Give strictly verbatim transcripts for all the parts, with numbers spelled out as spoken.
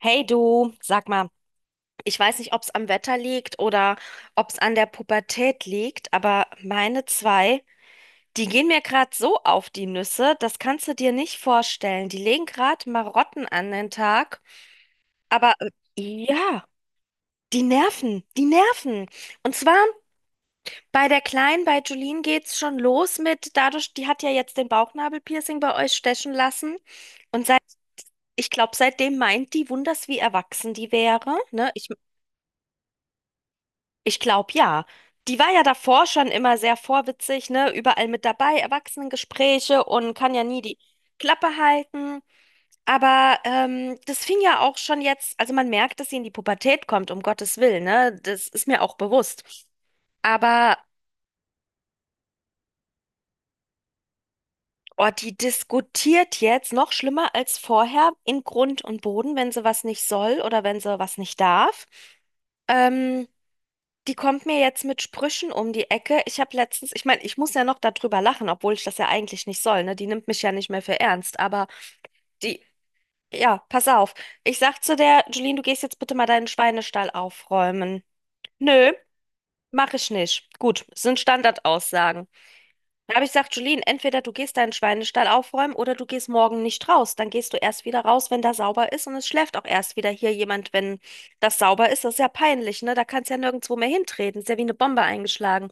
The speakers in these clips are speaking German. Hey du, sag mal, ich weiß nicht, ob es am Wetter liegt oder ob es an der Pubertät liegt, aber meine zwei, die gehen mir gerade so auf die Nüsse, das kannst du dir nicht vorstellen. Die legen gerade Marotten an den Tag, aber äh, ja, die nerven, die nerven. Und zwar bei der Kleinen, bei Julien geht's schon los mit, dadurch, die hat ja jetzt den Bauchnabelpiercing bei euch stechen lassen und seit, ich glaube, seitdem meint die wunders, wie erwachsen die wäre, ne? Ich Ich glaube ja. Die war ja davor schon immer sehr vorwitzig, ne? Überall mit dabei, Erwachsenengespräche und kann ja nie die Klappe halten. Aber ähm, das fing ja auch schon jetzt, also man merkt, dass sie in die Pubertät kommt, um Gottes Willen, ne? Das ist mir auch bewusst. Aber oh, die diskutiert jetzt noch schlimmer als vorher in Grund und Boden, wenn sie was nicht soll oder wenn sie was nicht darf. Ähm, Die kommt mir jetzt mit Sprüchen um die Ecke. Ich habe letztens, ich meine, ich muss ja noch darüber lachen, obwohl ich das ja eigentlich nicht soll, ne? Die nimmt mich ja nicht mehr für ernst, aber die, ja, pass auf. Ich sag zu der, Julien, du gehst jetzt bitte mal deinen Schweinestall aufräumen. Nö, mache ich nicht. Gut, sind Standardaussagen. Da habe ich gesagt, Julien, entweder du gehst deinen Schweinestall aufräumen oder du gehst morgen nicht raus. Dann gehst du erst wieder raus, wenn da sauber ist und es schläft auch erst wieder hier jemand, wenn das sauber ist. Das ist ja peinlich, ne? Da kannst ja nirgendwo mehr hintreten. Ist ja wie eine Bombe eingeschlagen.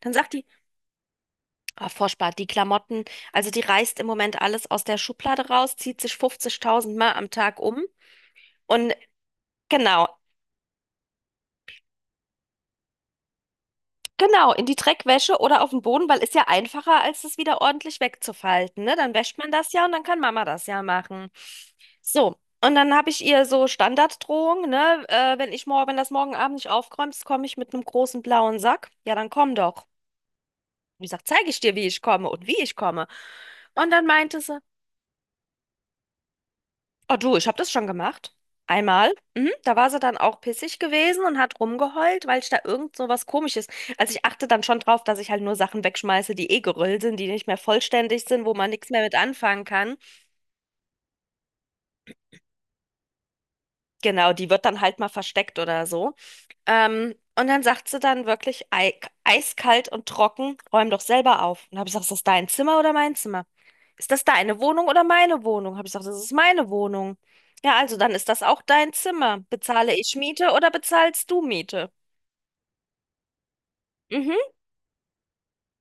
Dann sagt die, oh, furchtbar, die Klamotten, also die reißt im Moment alles aus der Schublade raus, zieht sich fünfzigtausend Mal am Tag um und genau, genau, in die Dreckwäsche oder auf den Boden, weil ist ja einfacher, als es wieder ordentlich wegzufalten, ne? Dann wäscht man das ja und dann kann Mama das ja machen. So, und dann habe ich ihr so Standarddrohung, ne? Äh, wenn ich morgen, wenn das morgen Abend nicht aufräumst, komme ich mit einem großen blauen Sack. Ja, dann komm doch. Und ich sage, zeige ich dir, wie ich komme und wie ich komme. Und dann meinte sie, oh du, ich habe das schon gemacht. Einmal. Mhm. Da war sie dann auch pissig gewesen und hat rumgeheult, weil ich da irgend so was Komisches. Also ich achte dann schon drauf, dass ich halt nur Sachen wegschmeiße, die eh gerüllt sind, die nicht mehr vollständig sind, wo man nichts mehr mit anfangen kann. Genau, die wird dann halt mal versteckt oder so. Ähm, und dann sagt sie dann wirklich ei eiskalt und trocken, räum doch selber auf. Und habe ich gesagt, ist das dein Zimmer oder mein Zimmer? Ist das deine Wohnung oder meine Wohnung? Habe ich gesagt, das ist meine Wohnung. Ja, also dann ist das auch dein Zimmer. Bezahle ich Miete oder bezahlst du Miete? Mhm.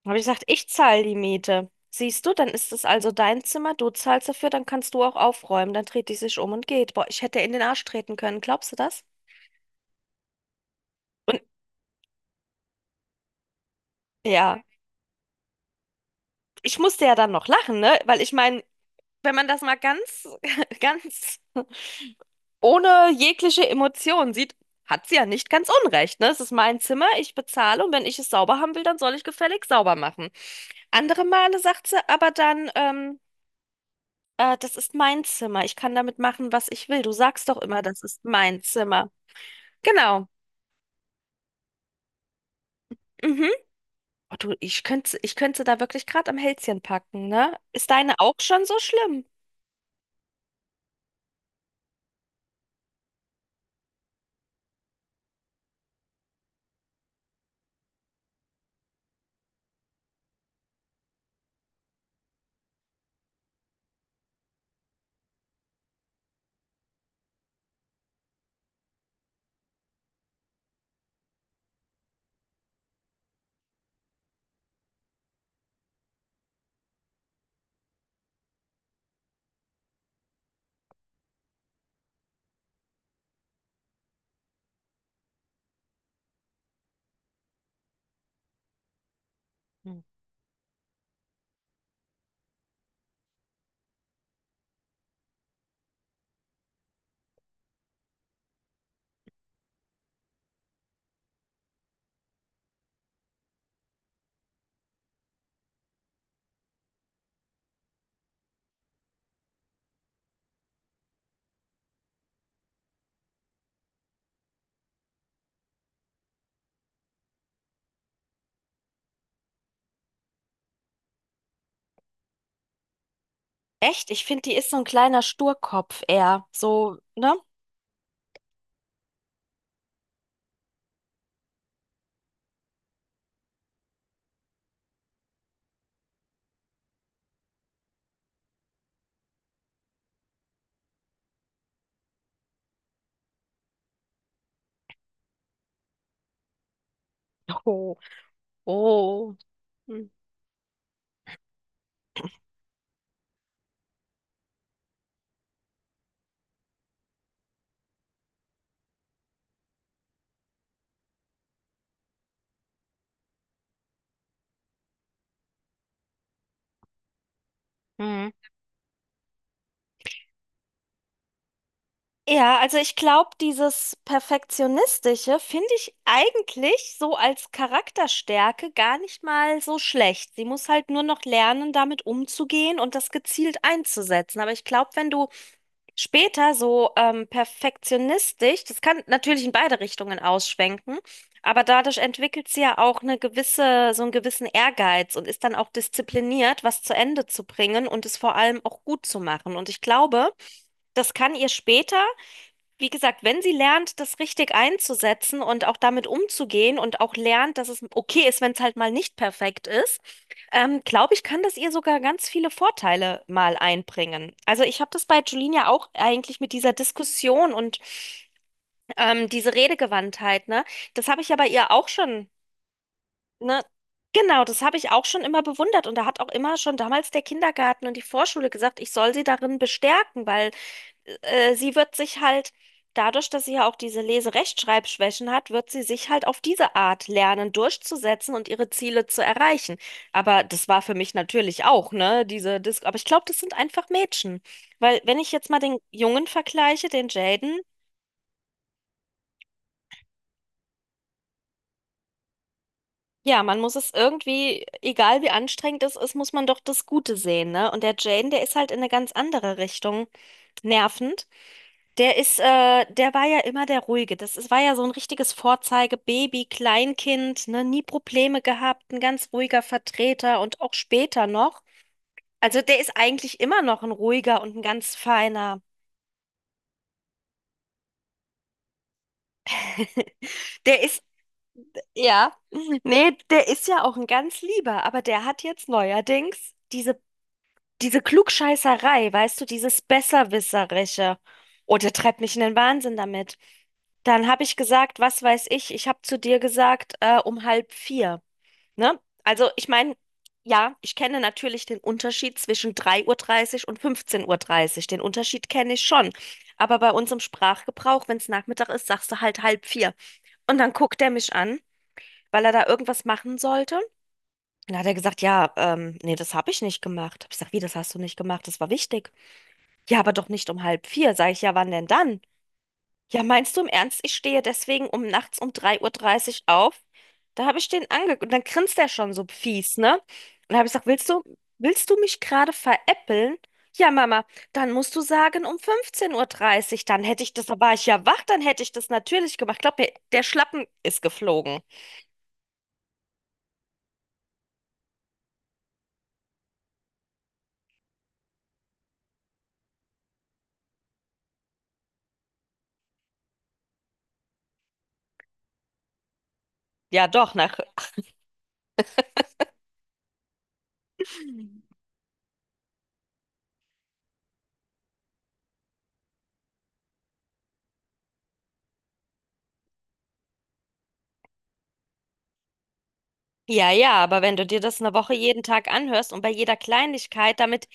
Habe ich gesagt, ich zahle die Miete. Siehst du, dann ist es also dein Zimmer, du zahlst dafür, dann kannst du auch aufräumen. Dann dreht die sich um und geht. Boah, ich hätte in den Arsch treten können, glaubst du das? Und ja, ich musste ja dann noch lachen, ne? Weil ich meine, wenn man das mal ganz, ganz ohne jegliche Emotion sieht, hat sie ja nicht ganz unrecht, ne? Es ist mein Zimmer, ich bezahle und wenn ich es sauber haben will, dann soll ich gefälligst sauber machen. Andere Male sagt sie aber dann, ähm, äh, das ist mein Zimmer, ich kann damit machen, was ich will. Du sagst doch immer, das ist mein Zimmer. Genau. Mhm. Oh, du, ich könnte, ich könnte da wirklich gerade am Hälschen packen, ne? Ist deine auch schon so schlimm? Hm. Echt? Ich finde, die ist so ein kleiner Sturkopf eher. So, ne? Oh. Oh. Hm. Hm. Ja, also ich glaube, dieses Perfektionistische finde ich eigentlich so als Charakterstärke gar nicht mal so schlecht. Sie muss halt nur noch lernen, damit umzugehen und das gezielt einzusetzen. Aber ich glaube, wenn du später so ähm, perfektionistisch, das kann natürlich in beide Richtungen ausschwenken, aber dadurch entwickelt sie ja auch eine gewisse, so einen gewissen Ehrgeiz und ist dann auch diszipliniert, was zu Ende zu bringen und es vor allem auch gut zu machen. Und ich glaube, das kann ihr später wie gesagt, wenn sie lernt, das richtig einzusetzen und auch damit umzugehen und auch lernt, dass es okay ist, wenn es halt mal nicht perfekt ist, ähm, glaube ich, kann das ihr sogar ganz viele Vorteile mal einbringen. Also ich habe das bei Julina auch eigentlich mit dieser Diskussion und ähm, diese Redegewandtheit, ne? Das habe ich ja bei ihr auch schon, ne? Genau, das habe ich auch schon immer bewundert und da hat auch immer schon damals der Kindergarten und die Vorschule gesagt, ich soll sie darin bestärken, weil äh, sie wird sich halt, dadurch, dass sie ja auch diese Lese-Rechtschreibschwächen hat, wird sie sich halt auf diese Art lernen, durchzusetzen und ihre Ziele zu erreichen. Aber das war für mich natürlich auch, ne, diese Dis aber ich glaube, das sind einfach Mädchen. Weil, wenn ich jetzt mal den Jungen vergleiche, den Jaden, ja, man muss es irgendwie, egal wie anstrengend es ist, muss man doch das Gute sehen, ne? Und der Jaden, der ist halt in eine ganz andere Richtung nervend. Der ist, äh, der war ja immer der Ruhige. Das ist, war ja so ein richtiges Vorzeigebaby, Kleinkind, ne, nie Probleme gehabt, ein ganz ruhiger Vertreter und auch später noch. Also der ist eigentlich immer noch ein ruhiger und ein ganz feiner. Der ist, ja, nee, der ist ja auch ein ganz lieber, aber der hat jetzt neuerdings diese diese Klugscheißerei, weißt du, dieses Besserwisserische. Oh, der treibt mich in den Wahnsinn damit. Dann habe ich gesagt, was weiß ich, ich habe zu dir gesagt, äh, um halb vier. Ne? Also ich meine, ja, ich kenne natürlich den Unterschied zwischen drei Uhr dreißig und fünfzehn Uhr dreißig. Den Unterschied kenne ich schon. Aber bei uns im Sprachgebrauch, wenn es Nachmittag ist, sagst du halt halb vier. Und dann guckt er mich an, weil er da irgendwas machen sollte. Und dann hat er gesagt, ja, ähm, nee, das habe ich nicht gemacht. Hab ich gesagt, wie, das hast du nicht gemacht? Das war wichtig. Ja, aber doch nicht um halb vier, sag ich, ja, wann denn dann? Ja, meinst du im Ernst, ich stehe deswegen um nachts um drei Uhr dreißig auf? Da habe ich den angeguckt und dann grinst er schon so fies, ne? Und da habe ich gesagt, willst du, willst du mich gerade veräppeln? Ja, Mama, dann musst du sagen um fünfzehn Uhr dreißig. Dann hätte ich das, da war ich ja wach, dann hätte ich das natürlich gemacht. Glaub mir, der Schlappen ist geflogen. Ja, doch, nach ja, ja, aber wenn du dir das eine Woche jeden Tag anhörst und bei jeder Kleinigkeit, damit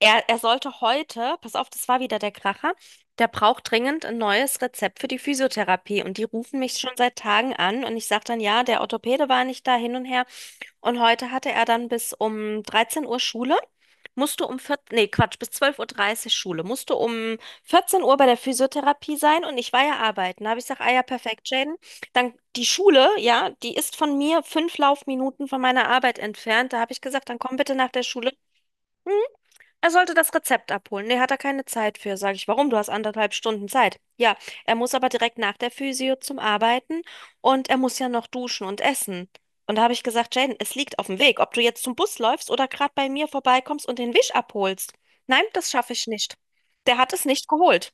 er, er sollte heute, pass auf, das war wieder der Kracher, der braucht dringend ein neues Rezept für die Physiotherapie und die rufen mich schon seit Tagen an und ich sage dann, ja, der Orthopäde war nicht da hin und her. Und heute hatte er dann bis um dreizehn Uhr Schule, musste um vierzehn, nee, Quatsch, bis 12.30 Uhr dreißig Schule, musste um vierzehn Uhr bei der Physiotherapie sein und ich war ja arbeiten. Da habe ich gesagt, ah ja, perfekt, Jaden. Dann die Schule, ja, die ist von mir fünf Laufminuten von meiner Arbeit entfernt. Da habe ich gesagt, dann komm bitte nach der Schule. Er sollte das Rezept abholen. Nee, hat er keine Zeit für, sage ich. Warum? Du hast anderthalb Stunden Zeit. Ja, er muss aber direkt nach der Physio zum Arbeiten und er muss ja noch duschen und essen. Und da habe ich gesagt, Jaden, es liegt auf dem Weg, ob du jetzt zum Bus läufst oder gerade bei mir vorbeikommst und den Wisch abholst. Nein, das schaffe ich nicht. Der hat es nicht geholt.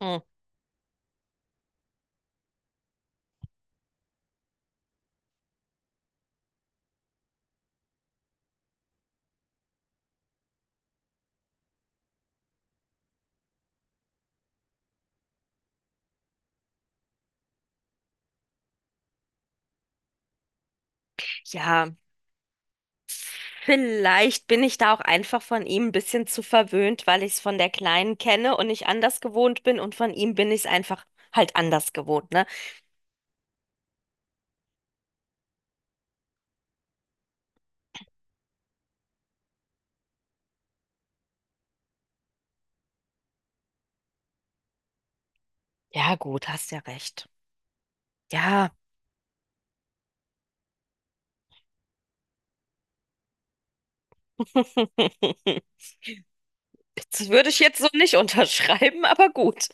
Hm. Ja, vielleicht bin ich da auch einfach von ihm ein bisschen zu verwöhnt, weil ich es von der Kleinen kenne und nicht anders gewohnt bin und von ihm bin ich es einfach halt anders gewohnt, ne? Ja, gut, hast ja recht. Ja. Das würde ich jetzt so nicht unterschreiben, aber gut.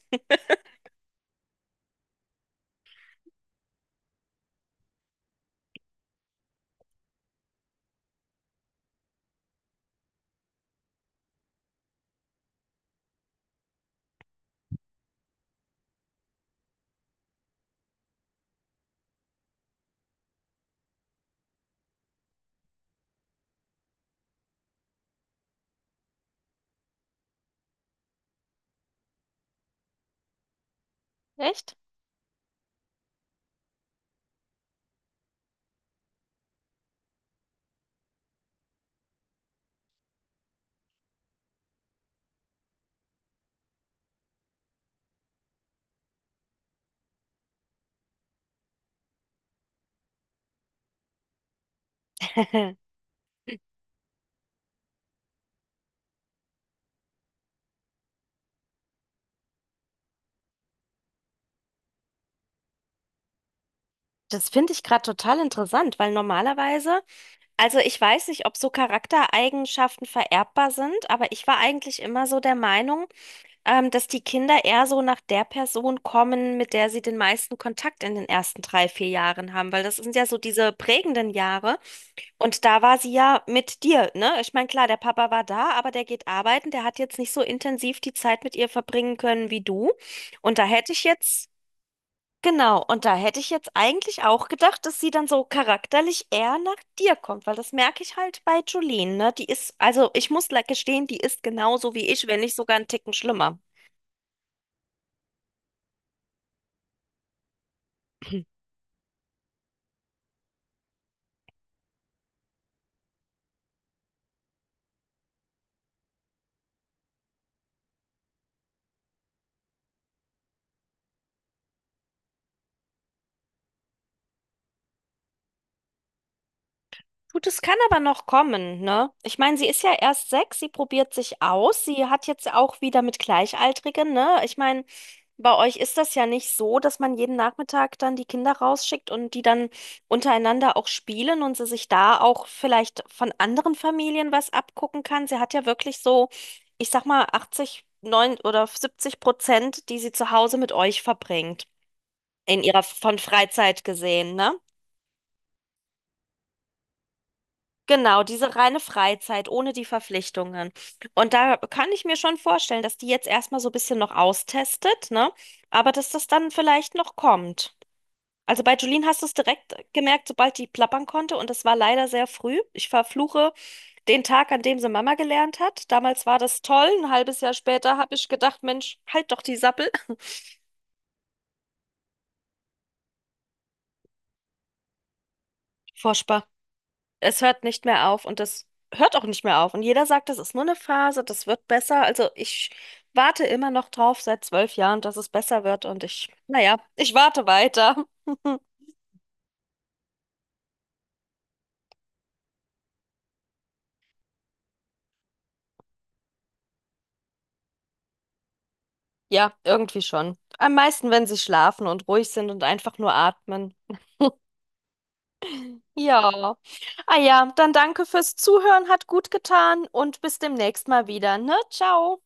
Echt? Das finde ich gerade total interessant, weil normalerweise, also ich weiß nicht, ob so Charaktereigenschaften vererbbar sind, aber ich war eigentlich immer so der Meinung, ähm, dass die Kinder eher so nach der Person kommen, mit der sie den meisten Kontakt in den ersten drei, vier Jahren haben, weil das sind ja so diese prägenden Jahre. Und da war sie ja mit dir, ne? Ich meine, klar, der Papa war da, aber der geht arbeiten, der hat jetzt nicht so intensiv die Zeit mit ihr verbringen können wie du. Und da hätte ich jetzt, genau, und da hätte ich jetzt eigentlich auch gedacht, dass sie dann so charakterlich eher nach dir kommt, weil das merke ich halt bei Jolene, ne? Die ist, also ich muss le- gestehen, die ist genauso wie ich, wenn nicht sogar einen Ticken schlimmer. Gut, es kann aber noch kommen, ne? Ich meine, sie ist ja erst sechs, sie probiert sich aus, sie hat jetzt auch wieder mit Gleichaltrigen, ne? Ich meine, bei euch ist das ja nicht so, dass man jeden Nachmittag dann die Kinder rausschickt und die dann untereinander auch spielen und sie sich da auch vielleicht von anderen Familien was abgucken kann. Sie hat ja wirklich so, ich sag mal, achtzig, neun oder siebzig Prozent, die sie zu Hause mit euch verbringt. In ihrer von Freizeit gesehen, ne? Genau, diese reine Freizeit ohne die Verpflichtungen. Und da kann ich mir schon vorstellen, dass die jetzt erstmal so ein bisschen noch austestet, ne? Aber dass das dann vielleicht noch kommt. Also bei Julien hast du es direkt gemerkt, sobald die plappern konnte. Und das war leider sehr früh. Ich verfluche den Tag, an dem sie Mama gelernt hat. Damals war das toll. Ein halbes Jahr später habe ich gedacht, Mensch, halt doch die Sappel. Furchtbar. Es hört nicht mehr auf und das hört auch nicht mehr auf. Und jeder sagt, das ist nur eine Phase, das wird besser. Also ich warte immer noch drauf seit zwölf Jahren, dass es besser wird. Und ich, naja, ich warte weiter. Ja, irgendwie schon. Am meisten, wenn sie schlafen und ruhig sind und einfach nur atmen. Ja. Ah ja, dann danke fürs Zuhören, hat gut getan und bis demnächst mal wieder, ne? Ciao.